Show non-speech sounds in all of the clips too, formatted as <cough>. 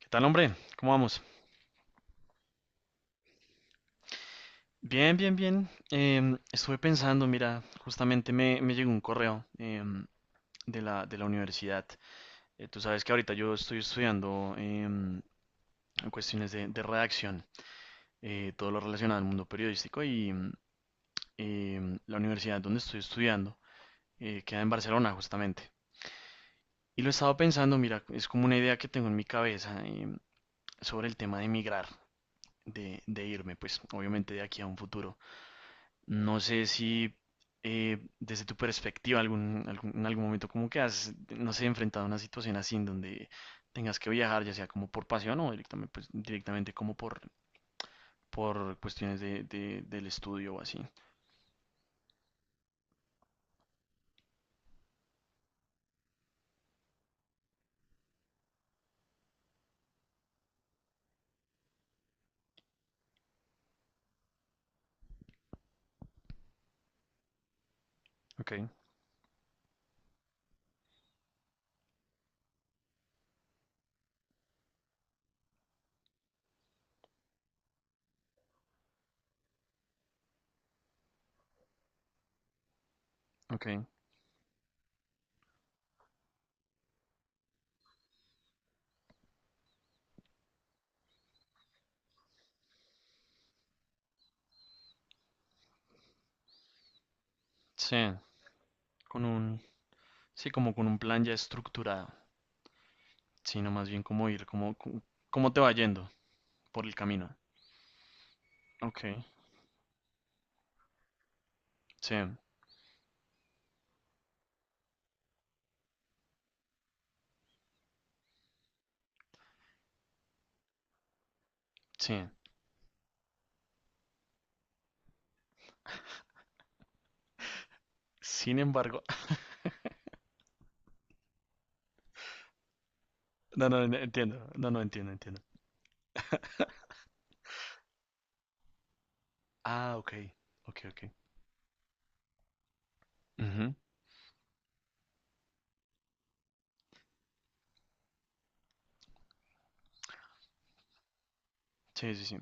¿Qué tal, hombre? ¿Cómo vamos? Bien, bien, bien. Estuve pensando, mira, justamente me llegó un correo de la universidad. Tú sabes que ahorita yo estoy estudiando cuestiones de redacción, todo lo relacionado al mundo periodístico y la universidad donde estoy estudiando queda en Barcelona, justamente. Y lo he estado pensando, mira, es como una idea que tengo en mi cabeza sobre el tema de emigrar, de irme, pues obviamente de aquí a un futuro. No sé si desde tu perspectiva en algún momento como que has, no sé, enfrentado a una situación así en donde tengas que viajar, ya sea como por pasión o directamente, pues, directamente como por cuestiones del estudio o así. Ok, ok. Sí, con un, sí, como con un plan ya estructurado, sino más bien como ir, como, como cómo te va yendo por el camino. Ok, sí, sí. Sin embargo, <laughs> no, no, no, entiendo, no, no, entiendo, entiendo. Ah, ok, ok, ok. Ujú. Sí, sí, sí.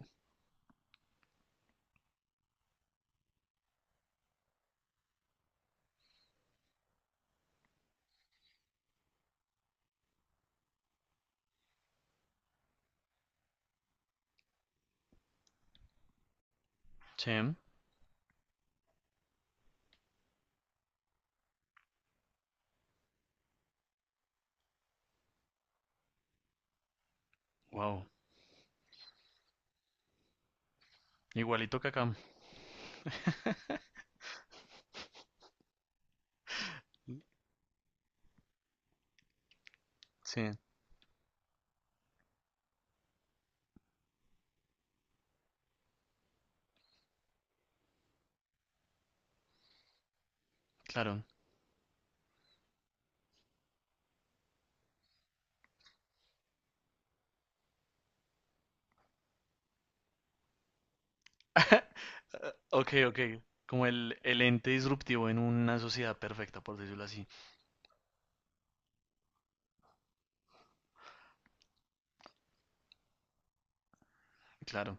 Sí, wow. Igualito que acá. <laughs> Sí, claro. <laughs> Ok, ok. Como el ente disruptivo en una sociedad perfecta, por decirlo así. Claro.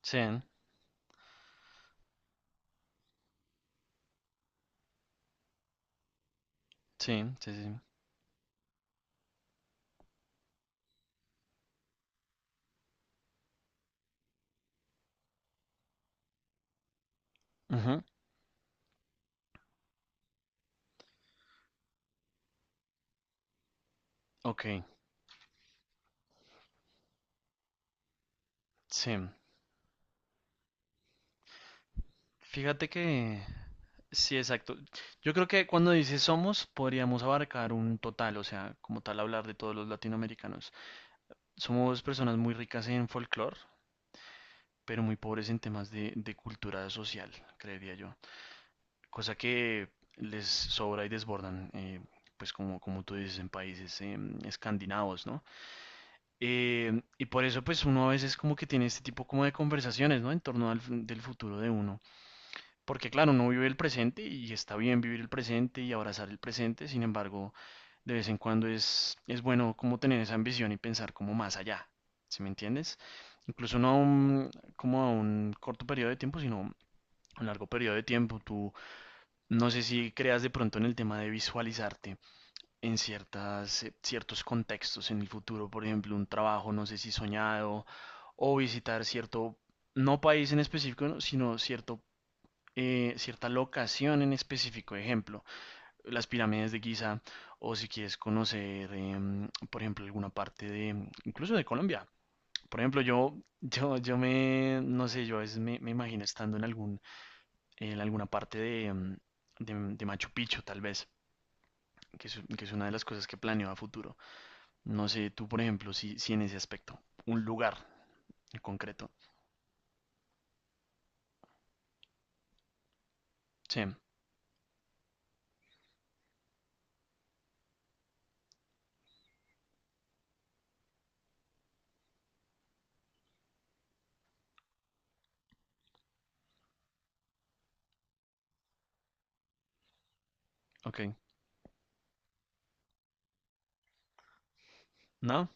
Sí, sí, sí, sí. Ujú, ok, sí. Fíjate que... Sí, exacto. Yo creo que cuando dices somos, podríamos abarcar un total, o sea, como tal hablar de todos los latinoamericanos. Somos personas muy ricas en folclore, pero muy pobres en temas de cultura social, creería yo. Cosa que les sobra y desbordan, pues como, como tú dices, en países escandinavos, ¿no? Y por eso pues uno a veces como que tiene este tipo como de conversaciones, ¿no? En torno al, del futuro de uno. Porque claro, uno vive el presente y está bien vivir el presente y abrazar el presente, sin embargo, de vez en cuando es bueno como tener esa ambición y pensar como más allá, ¿sí me entiendes? Incluso no a un, como a un corto periodo de tiempo, sino un largo periodo de tiempo, tú no sé si creas de pronto en el tema de visualizarte en ciertas, ciertos contextos en el futuro, por ejemplo, un trabajo, no sé si soñado, o visitar cierto, no país en específico, ¿no? Sino cierto, cierta locación en específico, ejemplo, las pirámides de Giza, o si quieres conocer, por ejemplo, alguna parte de, incluso de Colombia. Por ejemplo, no sé, yo a veces me imagino estando en algún en alguna parte de, de Machu Picchu, tal vez, que es una de las cosas que planeo a futuro. No sé, tú, por ejemplo, si, si en ese aspecto, un lugar en concreto. Sí, ok. ¿No?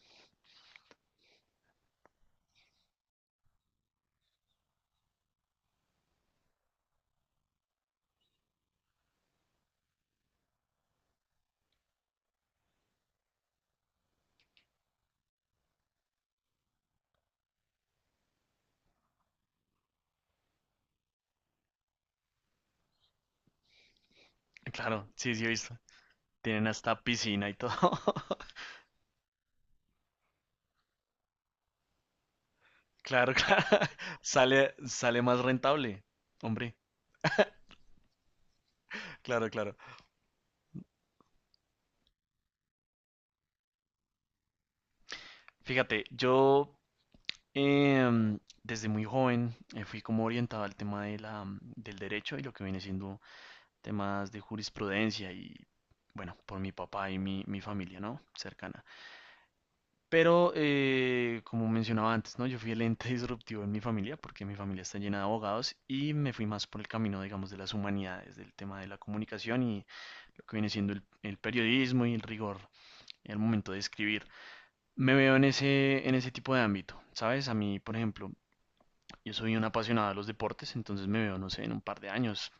Claro, sí, sí, he visto. Tienen hasta piscina y todo. <laughs> Claro, claro. <laughs> Sale, sale más rentable. Hombre, claro, claro. Fíjate, yo desde muy joven fui como orientado al tema de la, del derecho y lo que viene siendo temas de jurisprudencia y, bueno, por mi papá y mi familia, ¿no? Cercana. Pero, como mencionaba antes, ¿no? Yo fui el ente <laughs> disruptivo en mi familia porque mi familia está llena de abogados y me fui más por el camino, digamos, de las humanidades, del tema de la comunicación y lo que viene siendo el periodismo y el rigor al momento de escribir. Me veo en ese tipo de ámbito, ¿sabes? A mí, por ejemplo, yo soy un apasionado de los deportes, entonces me veo, no sé, en un par de años,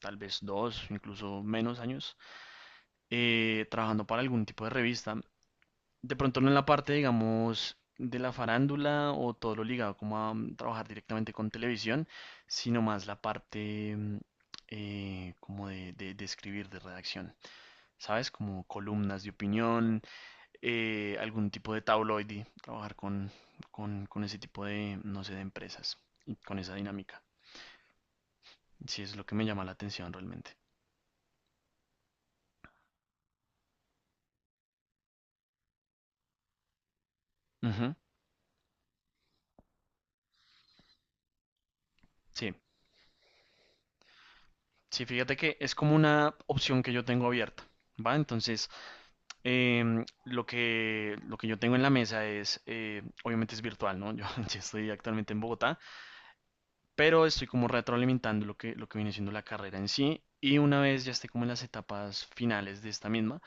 tal vez dos, incluso menos años, trabajando para algún tipo de revista. De pronto no en la parte, digamos, de la farándula o todo lo ligado como a trabajar directamente con televisión, sino más la parte como de escribir, de redacción, ¿sabes? Como columnas de opinión, algún tipo de tabloide, trabajar con ese tipo de, no sé, de empresas y con esa dinámica. Sí, es lo que me llama la atención realmente. Ujú, sí. Sí, fíjate que es como una opción que yo tengo abierta, ¿va? Entonces, lo que yo tengo en la mesa es, obviamente es virtual, ¿no? Yo, <laughs> yo estoy actualmente en Bogotá, pero estoy como retroalimentando lo que viene siendo la carrera en sí. Y una vez ya esté como en las etapas finales de esta misma,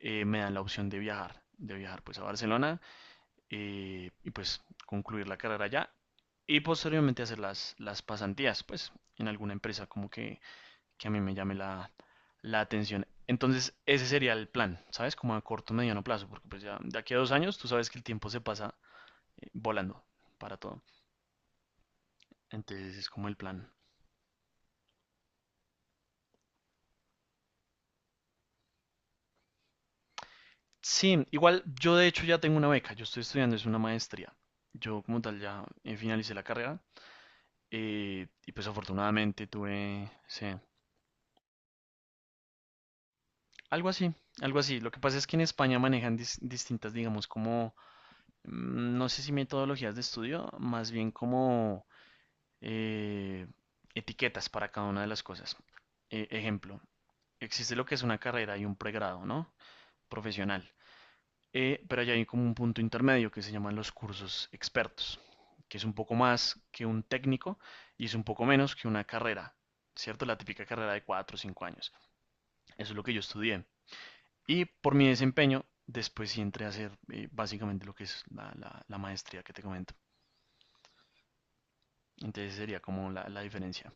me dan la opción de viajar pues a Barcelona y pues concluir la carrera allá y posteriormente hacer las pasantías, pues en alguna empresa como que a mí me llame la, la atención. Entonces, ese sería el plan, ¿sabes? Como a corto, mediano plazo, porque pues ya de aquí a dos años tú sabes que el tiempo se pasa volando para todo. Entonces, es como el plan. Sí, igual yo de hecho ya tengo una beca, yo estoy estudiando, es una maestría. Yo como tal ya finalicé la carrera y pues afortunadamente tuve, sí, algo así, algo así. Lo que pasa es que en España manejan distintas, digamos, como, no sé si metodologías de estudio, más bien como eh, etiquetas para cada una de las cosas. Ejemplo, existe lo que es una carrera y un pregrado, ¿no? Profesional. Pero allá hay como un punto intermedio que se llaman los cursos expertos, que es un poco más que un técnico y es un poco menos que una carrera, ¿cierto? La típica carrera de 4 o 5 años. Eso es lo que yo estudié. Y por mi desempeño, después sí entré a hacer básicamente lo que es la, la maestría que te comento. Entonces sería como la diferencia.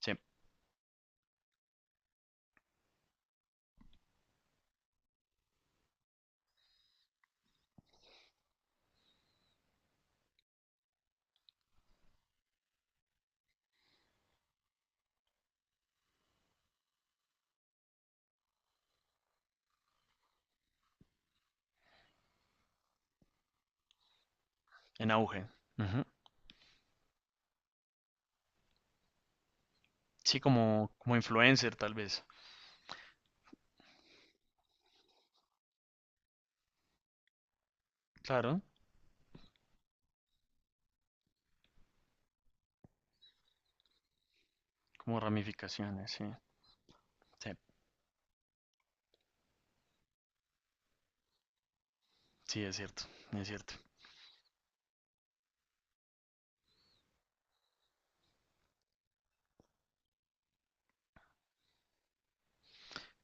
Sí, en auge. Ujú. Sí, como, como influencer tal vez. Claro, como ramificaciones, sí. Sí, sí, es cierto, es cierto.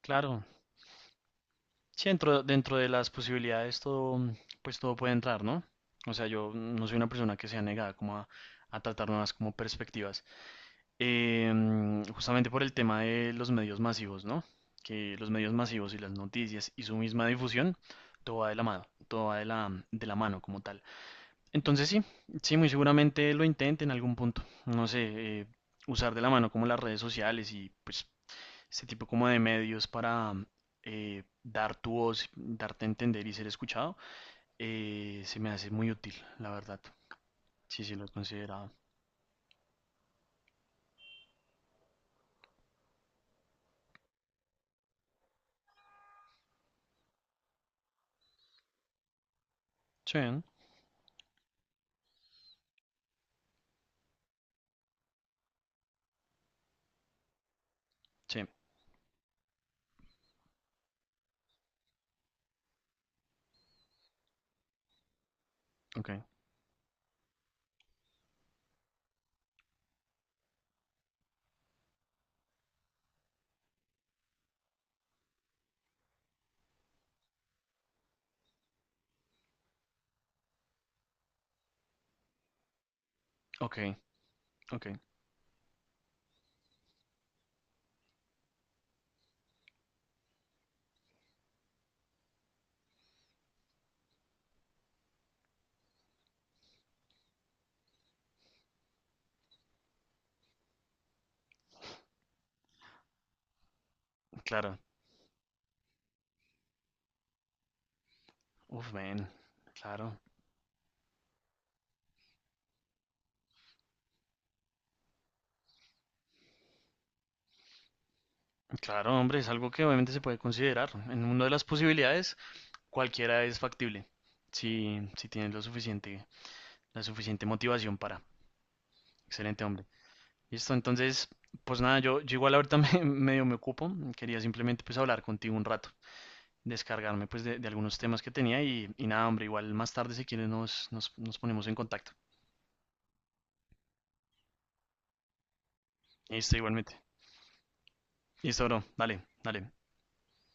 Claro. Sí, dentro, dentro de las posibilidades todo, pues todo puede entrar, ¿no? O sea, yo no soy una persona que sea negada como a tratar nuevas como perspectivas. Justamente por el tema de los medios masivos, ¿no? Que los medios masivos y las noticias y su misma difusión, todo va de la mano, todo va de la mano como tal. Entonces sí, sí, muy seguramente lo intente en algún punto. No sé, usar de la mano como las redes sociales y pues este tipo como de medios para dar tu voz, darte a entender y ser escuchado, se me hace muy útil, la verdad. Sí, sí, lo he considerado. Sí, ¿no? Sí, ok, ok, ok, claro. Uf, ven, claro. Claro, hombre, es algo que obviamente se puede considerar. En una de las posibilidades, cualquiera es factible, si, si tienes lo suficiente La suficiente motivación para. Excelente, hombre. Listo, entonces, pues nada, yo igual ahorita <laughs> me, medio me ocupo. Quería simplemente pues hablar contigo un rato, descargarme pues de algunos temas que tenía y nada, hombre, igual más tarde si quieres nos ponemos en contacto. Listo, igualmente. Listo, bro. Dale, dale.